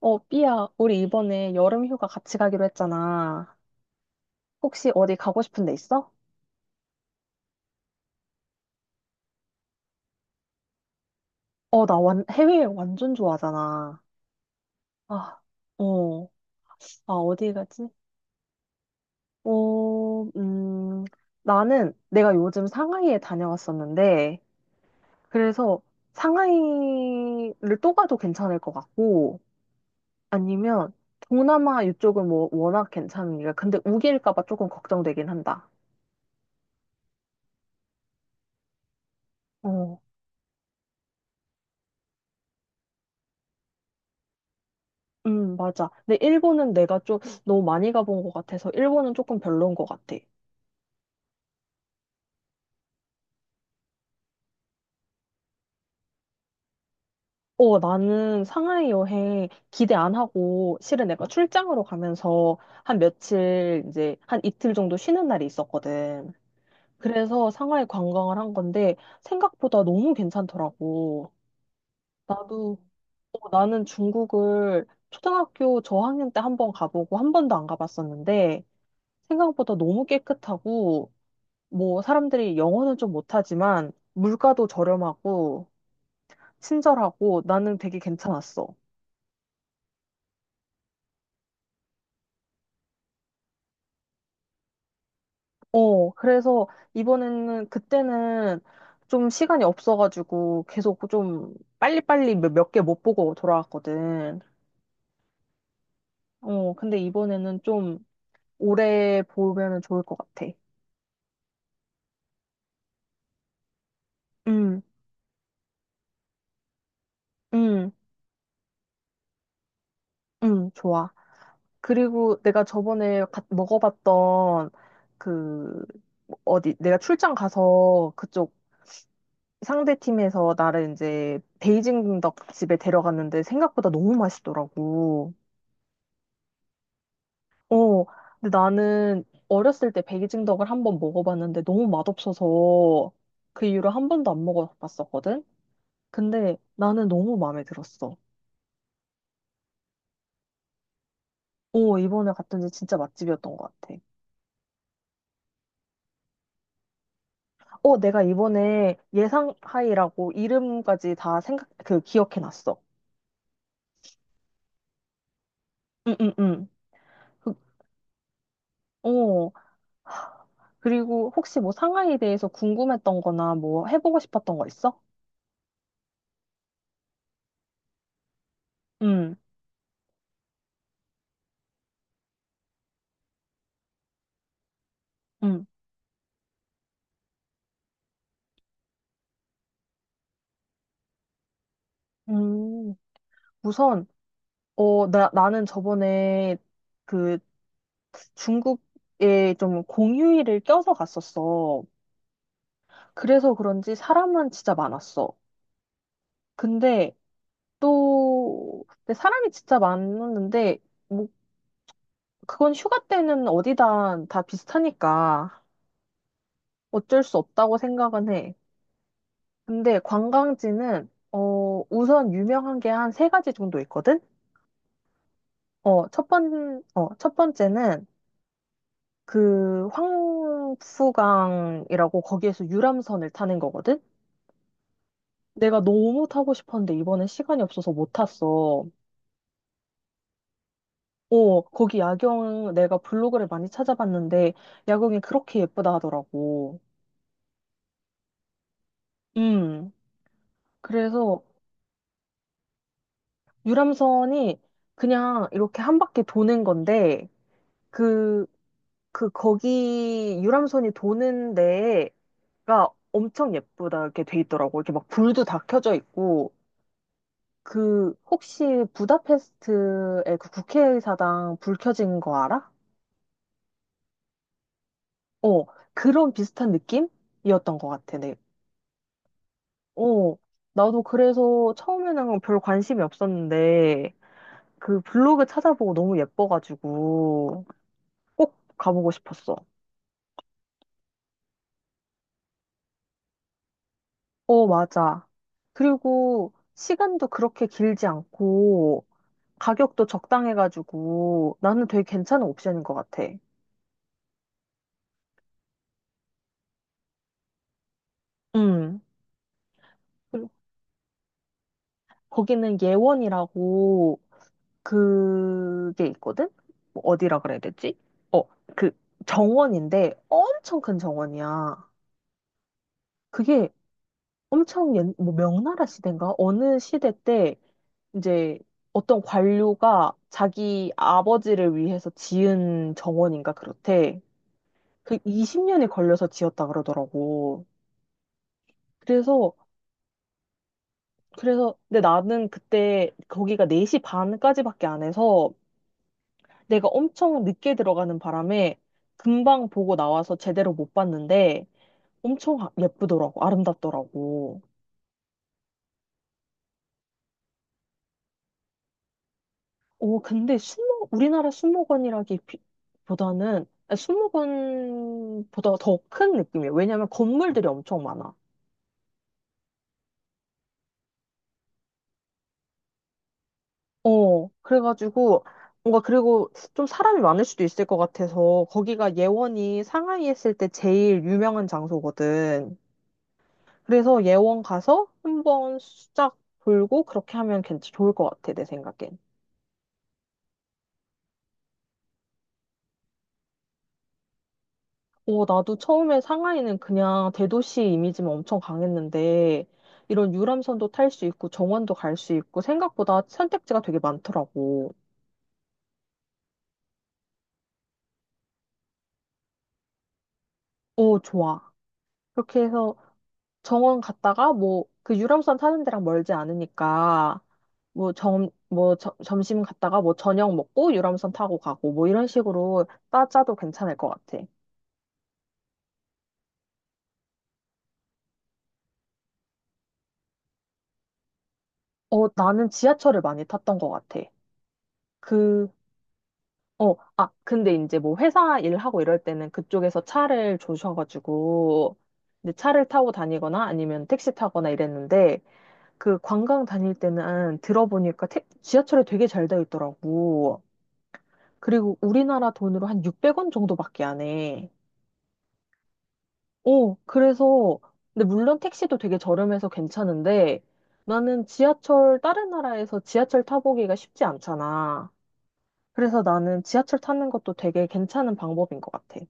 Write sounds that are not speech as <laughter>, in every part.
삐야, 우리 이번에 여름 휴가 같이 가기로 했잖아. 혹시 어디 가고 싶은 데 있어? 나 해외 완전 좋아하잖아. 아, 어, 어디 가지? 어, 음, 나는 내가 요즘 상하이에 다녀왔었는데, 그래서 상하이를 또 가도 괜찮을 것 같고, 아니면 동남아 이쪽은 뭐 워낙 괜찮으니까. 근데 우기일까 봐 조금 걱정되긴 한다. 어. 맞아. 근데 일본은 내가 좀 너무 많이 가본 것 같아서 일본은 조금 별로인 것 같아. 나는 상하이 여행 기대 안 하고 실은 내가 출장으로 가면서 한 며칠 이제 한 이틀 정도 쉬는 날이 있었거든. 그래서 상하이 관광을 한 건데 생각보다 너무 괜찮더라고. 나도, 나는 중국을 초등학교 저학년 때 한번 가보고 한 번도 안 가봤었는데 생각보다 너무 깨끗하고 뭐 사람들이 영어는 좀 못하지만 물가도 저렴하고 친절하고 나는 되게 괜찮았어. 그래서 이번에는 그때는 좀 시간이 없어가지고 계속 좀 빨리빨리 몇 개 못 보고 돌아왔거든. 근데 이번에는 좀 오래 보면은 좋을 것 같아. 음, 음, 좋아. 그리고 내가 저번에 먹어봤던 그 어디 내가 출장 가서 그쪽 상대 팀에서 나를 이제 베이징 덕 집에 데려갔는데 생각보다 너무 맛있더라고. 어, 근데 나는 어렸을 때 베이징 덕을 한번 먹어봤는데 너무 맛없어서 그 이후로 한 번도 안 먹어봤었거든? 근데 나는 너무 마음에 들었어. 이번에 갔던 데 진짜 맛집이었던 것 같아. 내가 이번에 예상하이라고 이름까지 다 생각, 그 기억해놨어. 응, 응, 응. 그, 어, 그리고 혹시 뭐 상하이에 대해서 궁금했던 거나 뭐 해보고 싶었던 거 있어? 응, 응. 음, 우선, 나는 저번에 그 중국에 좀 공휴일을 껴서 갔었어. 그래서 그런지 사람은 진짜 많았어. 근데 근데 사람이 진짜 많았는데, 뭐, 그건 휴가 때는 어디다 다 비슷하니까 어쩔 수 없다고 생각은 해. 근데 관광지는 우선 유명한 게 한 세 가지 정도 있거든. 첫 번째는 그 황푸강이라고 거기에서 유람선을 타는 거거든. 내가 너무 타고 싶었는데 이번엔 시간이 없어서 못 탔어. 거기 야경 내가 블로그를 많이 찾아봤는데 야경이 그렇게 예쁘다 하더라고. 음. 그래서 유람선이 그냥 이렇게 한 바퀴 도는 건데 그 거기 유람선이 도는 데가 엄청 예쁘다게 돼 있더라고. 이렇게 막 불도 다 켜져 있고 혹시 부다페스트의 그 국회의사당 불 켜진 거 알아? 어, 그런 비슷한 느낌이었던 것 같아. 네. 어, 나도 그래서 처음에는 별 관심이 없었는데 그 블로그 찾아보고 너무 예뻐가지고 꼭 가보고 싶었어. 맞아. 그리고 시간도 그렇게 길지 않고 가격도 적당해가지고 나는 되게 괜찮은 옵션인 것 같아. 음, 그리고 거기는 예원이라고 그게 있거든? 뭐 어디라 그래야 되지? 어, 그 정원인데 엄청 큰 정원이야. 그게 뭐 명나라 시대인가? 어느 시대 때 이제 어떤 관료가 자기 아버지를 위해서 지은 정원인가 그렇대. 그 20년이 걸려서 지었다 그러더라고. 그래서 그래서 근데 나는 그때 거기가 4시 반까지밖에 안 해서 내가 엄청 늦게 들어가는 바람에 금방 보고 나와서 제대로 못 봤는데 엄청 예쁘더라고. 아름답더라고. 오, 근데 순모 우리나라 순모관이라기보다는 아니, 순모관보다 더 큰 느낌이에요. 왜냐면 건물들이 엄청 많아. 그래가지고 뭔가 그리고 좀 사람이 많을 수도 있을 것 같아서 거기가 예원이 상하이 했을 때 제일 유명한 장소거든. 그래서 예원 가서 한번 수작 돌고 그렇게 하면 좋을 것 같아, 내 생각엔. 나도 처음에 상하이는 그냥 대도시 이미지만 엄청 강했는데, 이런 유람선도 탈 수 있고, 정원도 갈 수 있고, 생각보다 선택지가 되게 많더라고. 오, 좋아. 그렇게 해서 정원 갔다가, 뭐, 그 유람선 타는 데랑 멀지 않으니까, 뭐, 점심 갔다가, 뭐, 저녁 먹고, 유람선 타고 가고, 뭐, 이런 식으로 따짜도 괜찮을 것 같아. 나는 지하철을 많이 탔던 것 같아. 그, 근데 이제 뭐 회사 일하고 이럴 때는 그쪽에서 차를 조셔가지고, 이제 차를 타고 다니거나 아니면 택시 타거나 이랬는데, 그 관광 다닐 때는 들어보니까 지하철이 되게 잘 되어 있더라고. 그리고 우리나라 돈으로 한 600원 정도밖에 안 해. 그래서, 근데 물론 택시도 되게 저렴해서 괜찮은데, 나는 지하철, 다른 나라에서 지하철 타보기가 쉽지 않잖아. 그래서 나는 지하철 타는 것도 되게 괜찮은 방법인 것 같아.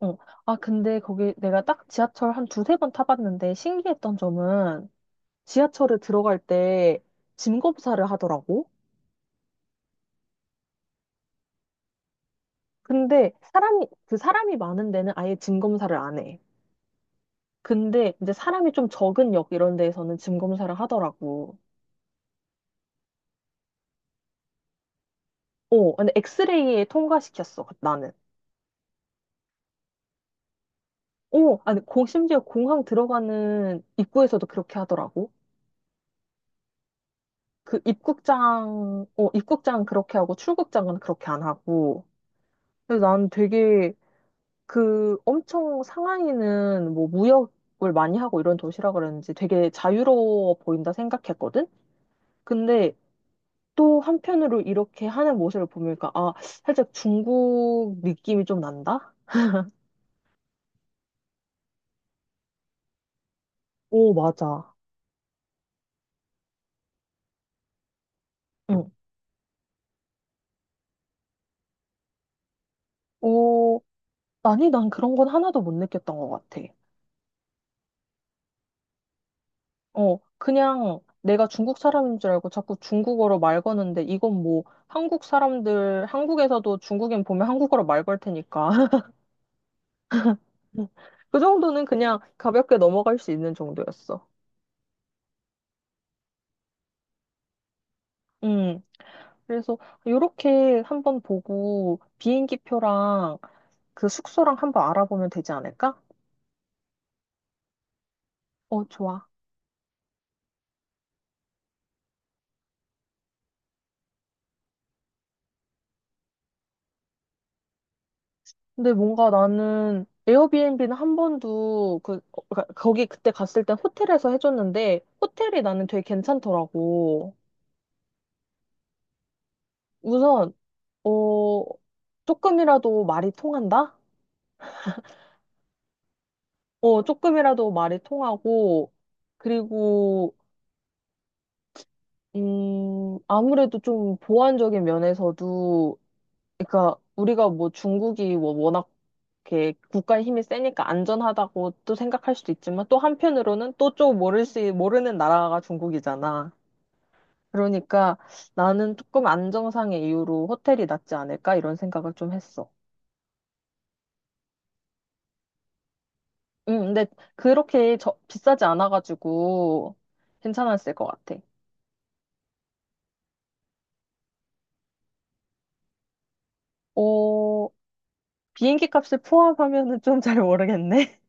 어. 근데 거기 내가 딱 지하철 한 두세 번 타봤는데 신기했던 점은 지하철에 들어갈 때 짐 검사를 하더라고. 근데 그 사람이 많은 데는 아예 짐 검사를 안 해. 근데 이제 사람이 좀 적은 역 이런 데에서는 짐 검사를 하더라고. 근데 엑스레이에 통과시켰어, 나는. 아니, 심지어 공항 들어가는 입구에서도 그렇게 하더라고. 입국장은 그렇게 하고 출국장은 그렇게 안 하고. 근데 난 되게 엄청 상하이는 뭐 무역을 많이 하고 이런 도시라 그런지 되게 자유로워 보인다 생각했거든? 근데 또 한편으로 이렇게 하는 모습을 보니까 아, 살짝 중국 느낌이 좀 난다? 오, 맞아. 응. 오, 아니, 난 그런 건 하나도 못 느꼈던 것 같아. 그냥 내가 중국 사람인 줄 알고 자꾸 중국어로 말 거는데 이건 뭐 한국 사람들, 한국에서도 중국인 보면 한국어로 말걸 테니까. <laughs> 그 정도는 그냥 가볍게 넘어갈 수 있는 정도였어. 음. 그래서 이렇게 한번 보고 비행기표랑 그 숙소랑 한번 알아보면 되지 않을까? 좋아. 근데 뭔가 나는 에어비앤비는 한 번도 그러니까 거기 그때 갔을 땐 호텔에서 해줬는데 호텔이 나는 되게 괜찮더라고. 우선, 어, 조금이라도 말이 통한다? 조금이라도 말이 통하고, 그리고, 아무래도 좀 보완적인 면에서도, 그러니까 우리가 뭐 중국이 뭐 워낙 이렇게 국가의 힘이 세니까 안전하다고 또 생각할 수도 있지만, 또 한편으로는 또 좀 모르는 나라가 중국이잖아. 그러니까 나는 조금 안정상의 이유로 호텔이 낫지 않을까? 이런 생각을 좀 했어. 근데 그렇게 비싸지 않아가지고 괜찮았을 것 같아. 어, 비행기 값을 포함하면은 좀 잘 모르겠네.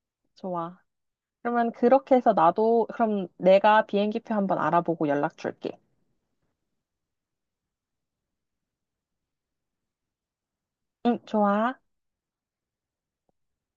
<laughs> 좋아. 그러면 그렇게 해서 나도, 그럼 내가 비행기 표 한번 알아보고 연락 줄게. 응, 좋아.